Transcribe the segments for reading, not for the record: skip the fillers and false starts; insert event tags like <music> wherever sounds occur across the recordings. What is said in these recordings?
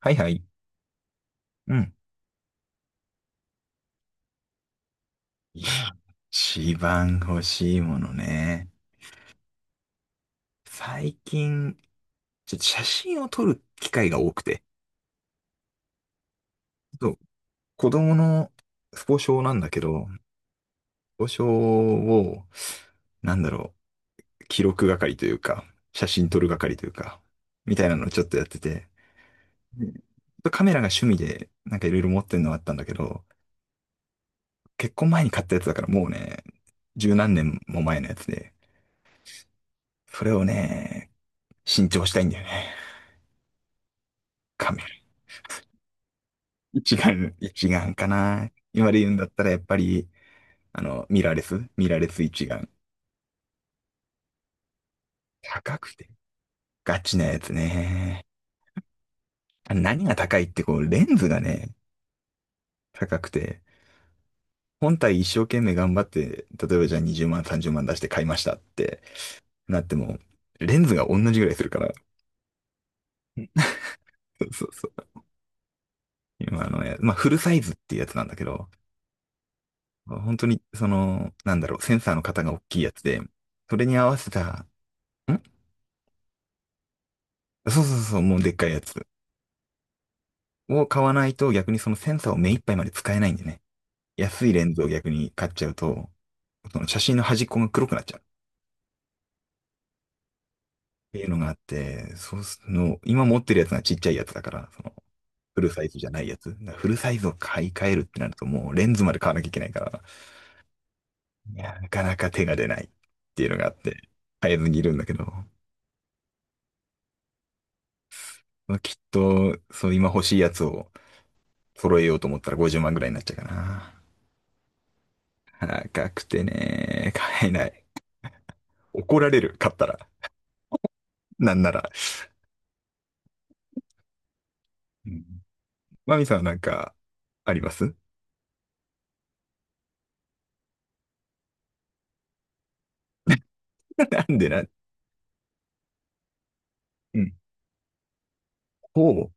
はいはい。うん。いや一番欲しいものね。最近、ちょっと写真を撮る機会が多くて。そう、子供のスポ少なんだけど、スポ少を、なんだろ記録係というか、写真撮る係というか、みたいなのをちょっとやってて、うんちょっとカメラが趣味で、なんかいろいろ持ってるのはあったんだけど、結婚前に買ったやつだからもうね、十何年も前のやつで、それをね、新調したいんだよね。カメ一眼、一眼かな。今で言うんだったらやっぱり、ミラーレス一眼。高くて。ガチなやつね。あ何が高いってこう、レンズがね、高くて。本体一生懸命頑張って、例えばじゃあ20万、30万出して買いましたってなっても、レンズが同じぐらいするから。そうそうそう。今あのや、まあ、フルサイズっていうやつなんだけど、本当に、センサーの型が大きいやつで、それに合わせた、んそうそうそう、もうでっかいやつ。を買わないと逆にそのセンサーを目いっぱいまで使えないんでね。安いレンズを逆に買っちゃうと、その写真の端っこが黒くなっちゃうっていうのがあって、そうすの、今持ってるやつがちっちゃいやつだから、その、フルサイズじゃないやつ。だからフルサイズを買い替えるってなるともうレンズまで買わなきゃいけないから、いや、なかなか手が出ないっていうのがあって、買えずにいるんだけど、まあきっと、そう今欲しいやつを揃えようと思ったら50万ぐらいになっちゃうかな。高くてね、買えない。怒られる、買ったら。なんなら。うんマミさんはなんか、あります？ <laughs> なんでな、うん。ほう。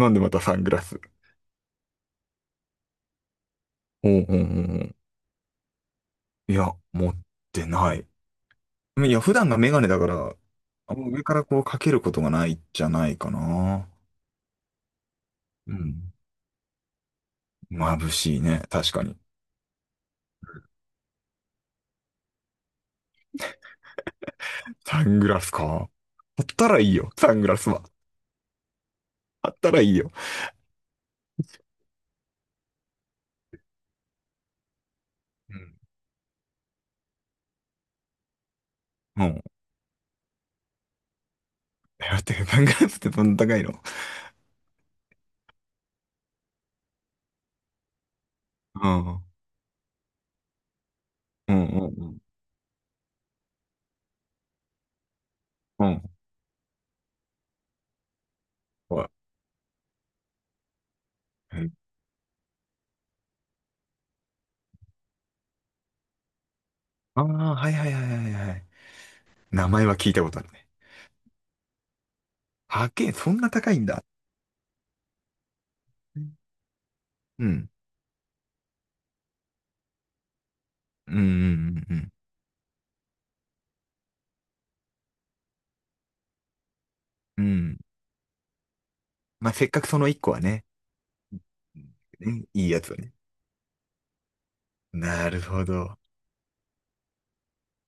なんでまたサングラス。ほうほうほうほう。いや、持ってない。いや、普段がメガネだから、あんま上からこうかけることがないじゃないかな。うん。眩しいね。確かに。サングラスか。あったらいいよ。サングラスは。あったらいいよ。うん。うん。えだって、サングラスってどんな高いの？うん。うんうんうん。うん。はい。ああー、はいはいはいはいはい。名前は聞いたことあるね。8K、そんな高いんだ。うん。うん、うん、うん、うん。うんまあ、せっかくその1個はね、ねいいやつはね。なるほど。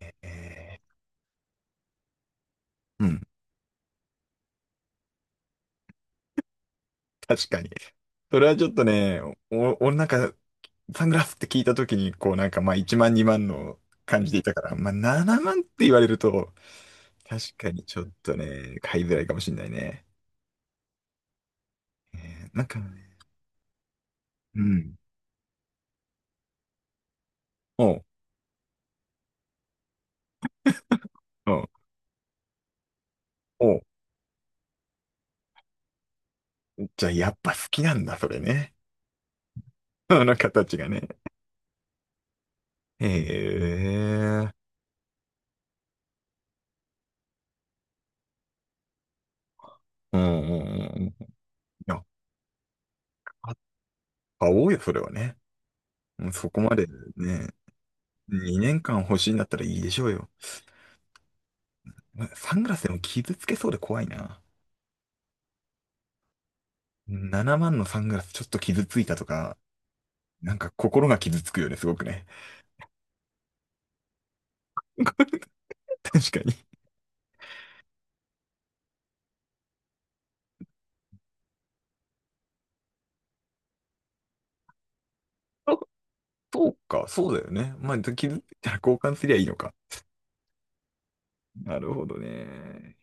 えー、うん、確かに。それはちょっとね、お、俺なんか、サングラスって聞いたときに、こうなんかまあ1万2万の感じでいたから、まあ7万って言われると、確かにちょっとね、買いづらいかもしれないね。えーなんかね、うん。おう、おう、おう。じゃあやっぱ好きなんだ、それね。<laughs> あの形がね。へえ。うんうんうんうん。や、あ買おうよ、それはね。うんそこまでね、2年間欲しいんだったらいいでしょうよ。サングラスでも傷つけそうで怖いな。7万のサングラスちょっと傷ついたとか、なんか心が傷つくよね、すごくね。<laughs> 確かに。あそうか、そうだよね。まあ、傷ついたら交換すりゃいいのか。なるほどね。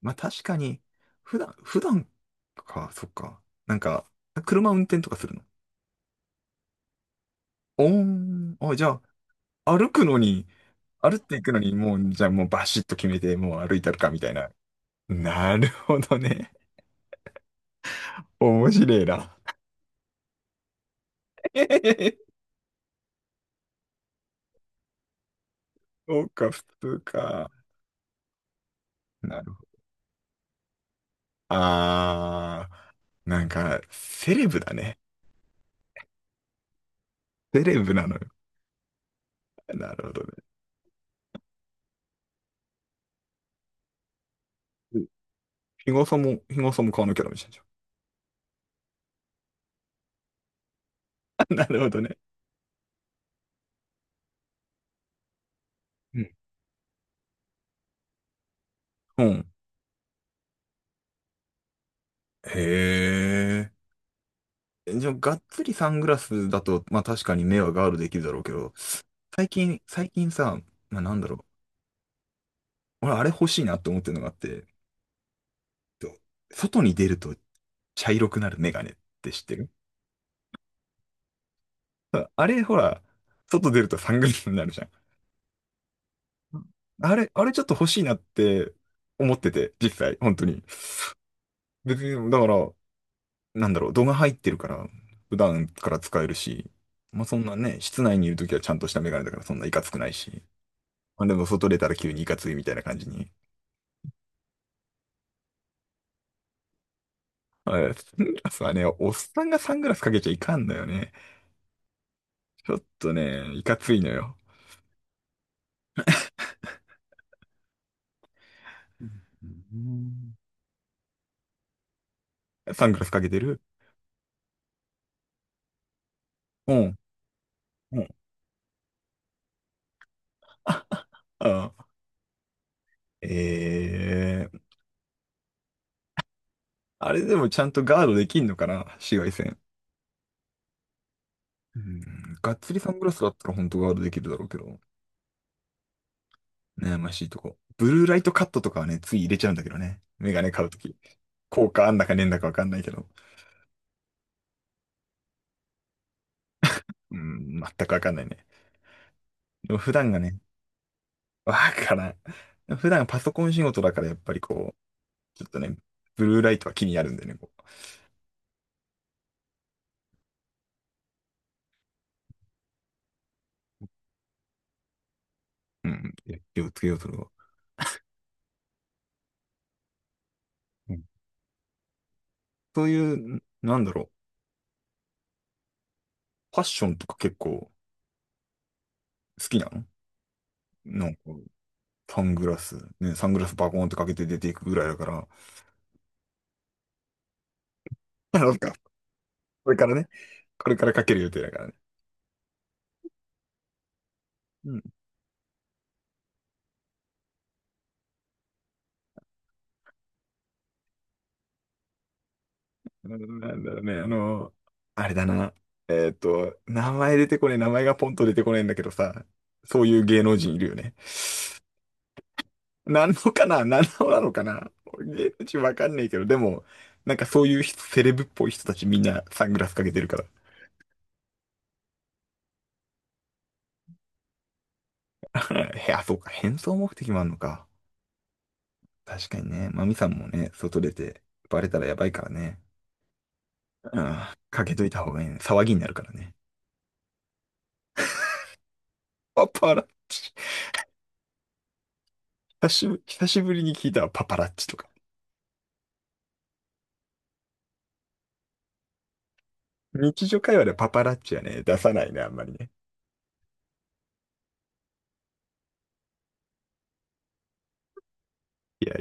まあ確かに、普段か、そっか。なんか、車運転とかするの？おーん、あ、じゃあ、歩くのに、歩っていくのに、もう、じゃあもうバシッと決めて、もう歩いたるか、みたいな。なるほどね。面白いな。<laughs> えへへへそうか、普通か。なるほど。あー、なんか、セレブだね。セレブなのよ。なるほどね。うん日傘も、日傘も買わなきゃダメじゃんじゃん。<laughs> なるほどね。うん。うんへえ。じゃあ、がっつりサングラスだと、まあ確かに目はガードできるだろうけど、最近さ、まあなんだろう。俺あれ欲しいなと思ってるのがあって、と外に出ると茶色くなるメガネって知ってる？あ <laughs> あれ、ほら、外出るとサングラスになるじゃん。あれちょっと欲しいなって思ってて、実際、本当に。別に、だから、なんだろう、度が入ってるから、普段から使えるし、まあそんなね、室内にいるときはちゃんとしたメガネだからそんないかつくないし。まあでも外出たら急にいかついみたいな感じに。あサングラスはね、おっさんがサングラスかけちゃいかんのよね。ちょっとね、いかついのよ。うんサングラスかけてる？うん。うん。ああ。ええあれでもちゃんとガードできんのかな紫外線。うん。がっつりサングラスだったら本当ガードできるだろうけど。悩ましいとこ。ブルーライトカットとかはね、つい入れちゃうんだけどね。メガネ買うとき。効果あんだかねえんだかわかんないけど。うん、全くわかんないね。でも普段がね、<laughs> わからん。普段パソコン仕事だからやっぱりこう、ちょっとね、ブルーライトは気になるんでね、こう。うん。いや気をつけようとは。うん。そういう、なんだろう。ファッションとか結構好きなの？なんか、サングラスバコーンってかけて出ていくぐらいだから、<laughs> なんか、これからね、これからかける予定だからね。うん。なんだろうね、あの、あれだな。えっと、名前がポンと出てこねえんだけどさ、そういう芸能人いるよね。何のかな何のなのかな芸能人わかんないけど、でも、なんかそういう人セレブっぽい人たちみんなサングラスかけてるから。<laughs> へ、あ、そうか。変装目的もあんのか。確かにね。マミさんもね、外出てバレたらやばいからね。うん。かけといた方がいいね。騒ぎになるからね。パパラッチ。久しぶりに聞いたわ。パパラッチとか。日常会話でパパラッチはね、出さないね、あんまりね。いや